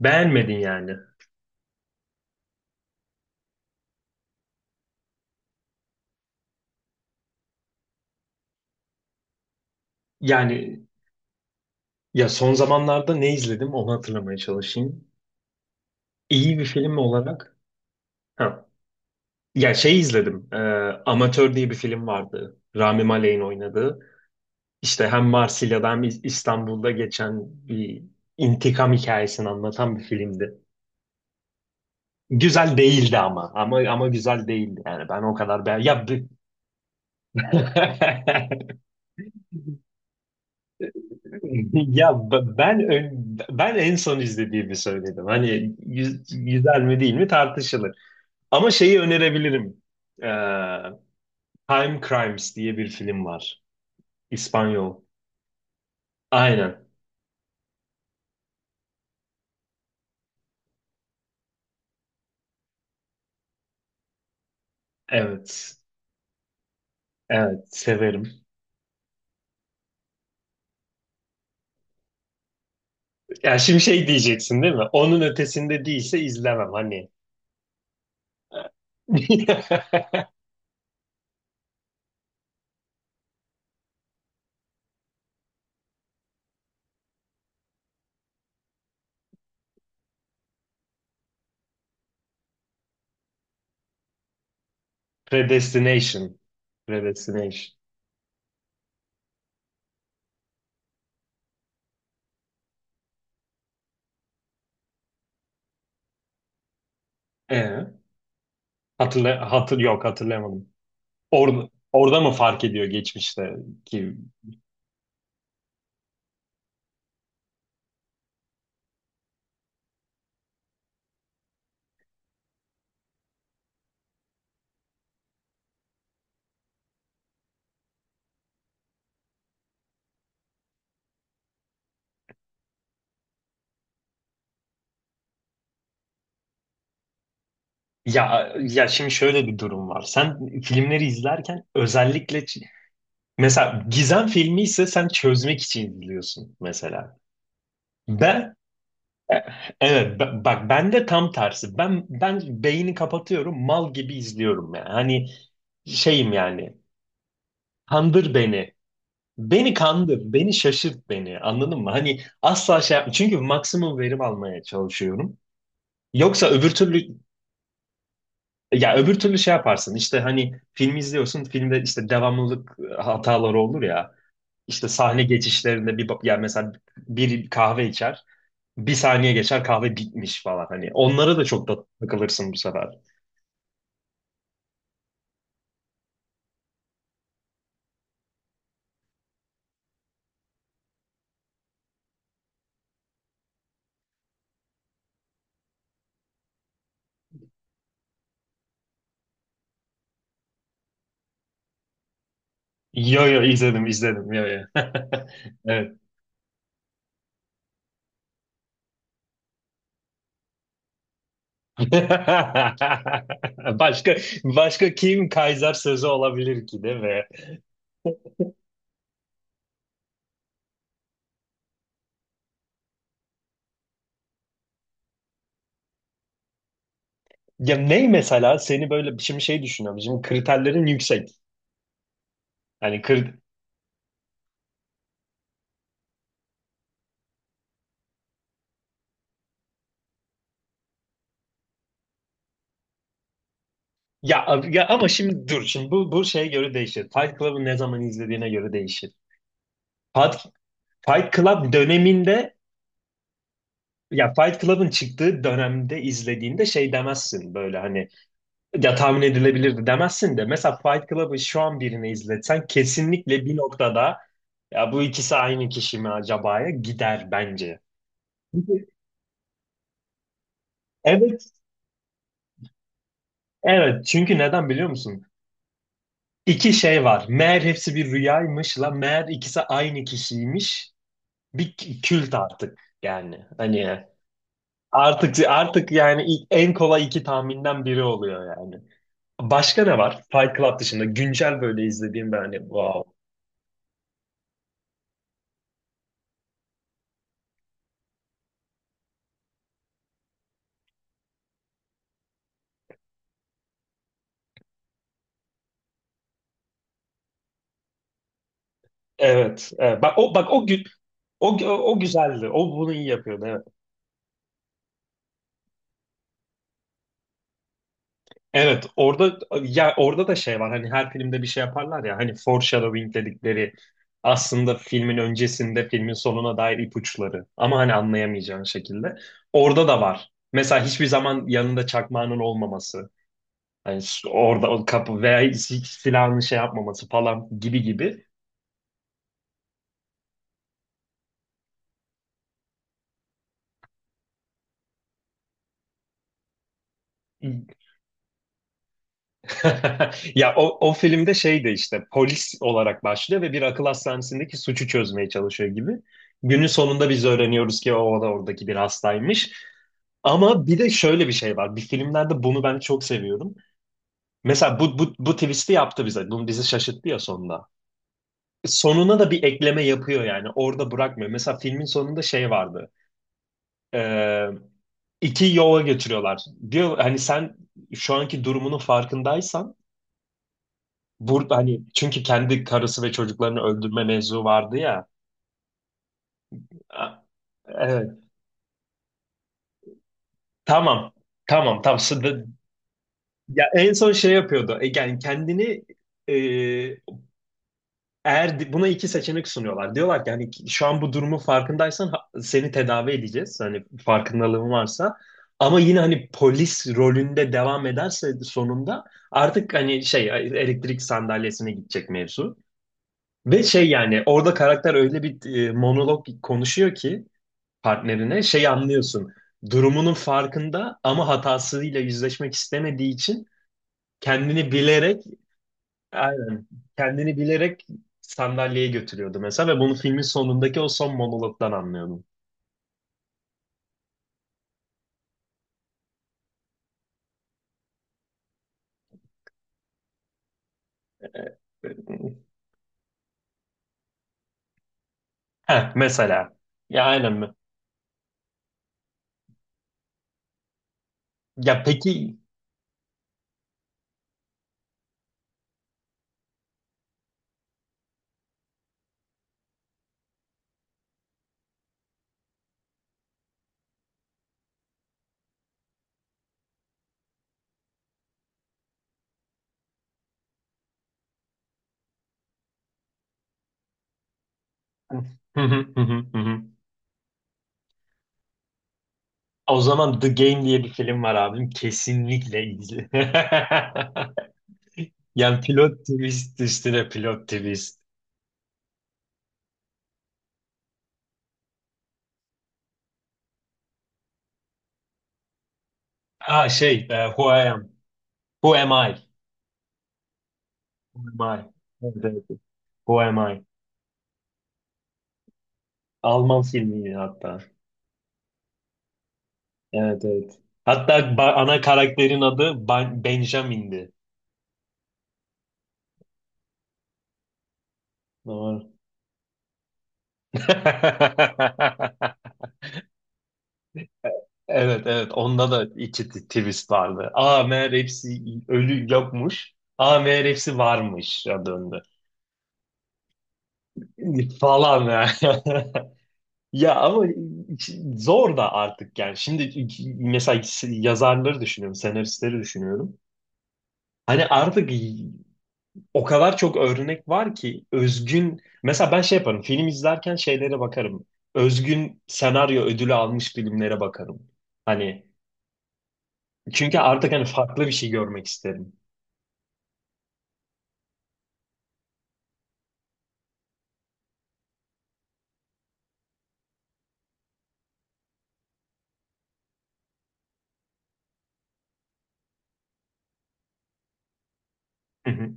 Beğenmedin yani. Yani ya son zamanlarda ne izledim onu hatırlamaya çalışayım. İyi bir film olarak. Ha. Ya şey izledim. Amatör diye bir film vardı. Rami Malek'in oynadığı. İşte hem Marsilya'da hem İstanbul'da geçen bir intikam hikayesini anlatan bir filmdi. Güzel değildi ama. Ama güzel değildi yani. Ben o kadar beğen... Ben en son izlediğimi söyledim. Hani güzel mi değil mi tartışılır. Ama şeyi önerebilirim. Ee, Time Crimes diye bir film var. İspanyol. Aynen. Evet. Evet, severim. Ya şimdi şey diyeceksin değil mi? Onun ötesinde değilse izlemem hani. Predestination. Predestination. Ee, hatırla hatır yok hatırlamadım. Orada mı fark ediyor geçmişteki? Ya şimdi şöyle bir durum var. Sen filmleri izlerken özellikle mesela gizem filmi ise sen çözmek için izliyorsun mesela. Ben evet bak ben de tam tersi. Ben beyni kapatıyorum, mal gibi izliyorum yani. Hani şeyim yani. Kandır beni. Beni kandır, beni şaşırt beni. Anladın mı? Hani asla şey yapma. Çünkü maksimum verim almaya çalışıyorum. Yoksa öbür türlü. Ya öbür türlü şey yaparsın işte hani film izliyorsun, filmde işte devamlılık hataları olur ya, işte sahne geçişlerinde yani mesela bir kahve içer, bir saniye geçer kahve bitmiş falan, hani onlara da çok da takılırsın bu sefer. Yo yo, izledim izledim, yo yo. Evet. Başka başka kim Kaiser sözü olabilir ki değil mi? Ya ne mesela seni böyle şimdi şey düşünüyorum. Şimdi kriterlerin yüksek. Hani kır. Ya ama şimdi dur, şimdi bu şeye göre değişir. Fight Club'ı ne zaman izlediğine göre değişir. Fight, Fight Club döneminde, ya Fight Club'ın çıktığı dönemde izlediğinde şey demezsin böyle, hani ya tahmin edilebilirdi demezsin, de mesela Fight Club'ı şu an birine izletsen kesinlikle bir noktada ya bu ikisi aynı kişi mi acaba'ya gider bence. Çünkü- Evet, evet. Çünkü neden biliyor musun? İki şey var. Meğer hepsi bir rüyaymış la, meğer ikisi aynı kişiymiş. Kült artık yani. Hani artık yani en kolay iki tahminden biri oluyor yani. Başka ne var? Fight Club dışında güncel böyle izlediğim ben hani wow. Evet, evet. Bak o, bak o gün, o, o güzeldi. O bunu iyi yapıyordu. Evet. Evet, orada, ya orada da şey var. Hani her filmde bir şey yaparlar ya. Hani foreshadowing dedikleri, aslında filmin öncesinde filmin sonuna dair ipuçları. Ama hani anlayamayacağın şekilde. Orada da var. Mesela hiçbir zaman yanında çakmağının olmaması. Hani orada o kapı veya silahını şey yapmaması falan gibi gibi. Ya o, o filmde şey de işte polis olarak başlıyor ve bir akıl hastanesindeki suçu çözmeye çalışıyor gibi. Günün sonunda biz öğreniyoruz ki o da oradaki bir hastaymış. Ama bir de şöyle bir şey var. Bir filmlerde bunu ben çok seviyorum. Mesela bu twist'i yaptı bize. Bunu bizi şaşırttı ya sonunda. Sonuna da bir ekleme yapıyor yani. Orada bırakmıyor. Mesela filmin sonunda şey vardı. e, iki yola götürüyorlar. Diyor hani sen şu anki durumunun farkındaysan burada, hani çünkü kendi karısı ve çocuklarını öldürme mevzu vardı ya. A- Evet. Tamam. Tamam. Tamam. Şimdi. Ya en son şey yapıyordu. Yani kendini, eğer buna iki seçenek sunuyorlar. Diyorlar ki hani şu an bu durumun farkındaysan seni tedavi edeceğiz. Hani farkındalığın varsa. Ama yine hani polis rolünde devam ederse sonunda artık hani şey, elektrik sandalyesine gidecek mevzu. Ve şey, yani orada karakter öyle bir monolog konuşuyor ki partnerine şey anlıyorsun. Durumunun farkında ama hatasıyla yüzleşmek istemediği için kendini bilerek. Aynen. Kendini bilerek sandalyeye götürüyordu mesela, ve bunu filmin sonundaki o son monologdan anlıyordum. Ee, Heh, mesela. Ya aynen mi? Ya peki. Hı hı, hı hı, hı hı. O zaman The Game diye bir film var abim. Kesinlikle izle. Yani pilot twist üstüne pilot twist. Aa şey, Who I Am. Who Am I? Who Am I? Evet, evet. Who Am I? Alman filmi hatta. Evet evet. Hatta ana karakterin adı Benjamin'di. Doğru. Evet evet, onda da iki twist vardı. Aa meğer hepsi ölü yokmuş. Aa meğer hepsi varmış ya, döndü. Falan ya. Ya ama zor da artık yani. Şimdi mesela yazarları düşünüyorum, senaristleri düşünüyorum. Hani artık, o kadar çok örnek var ki, özgün, mesela ben şey yaparım film izlerken, şeylere bakarım. Özgün senaryo ödülü almış filmlere bakarım. Hani çünkü artık hani farklı bir şey görmek isterim. Hı hı.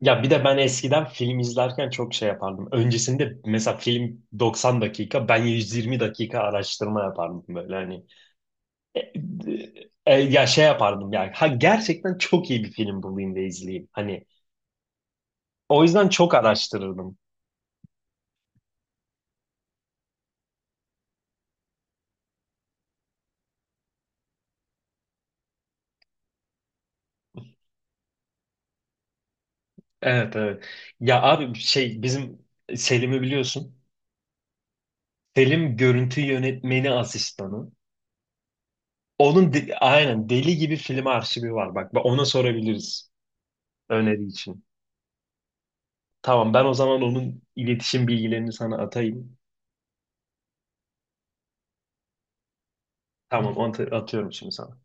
Ya bir de ben eskiden film izlerken çok şey yapardım. Öncesinde mesela film 90 dakika, ben 120 dakika araştırma yapardım böyle hani. E, e, ya şey yapardım yani. Ha, gerçekten çok iyi bir film bulayım da izleyeyim. Hani o yüzden çok araştırırdım. Evet evet. Ya abi şey, bizim Selim'i biliyorsun. Selim görüntü yönetmeni asistanı. Onun aynen deli gibi film arşivi var. Bak ona sorabiliriz öneri için. Tamam, ben o zaman onun iletişim bilgilerini sana atayım. Tamam, atıyorum şimdi sana.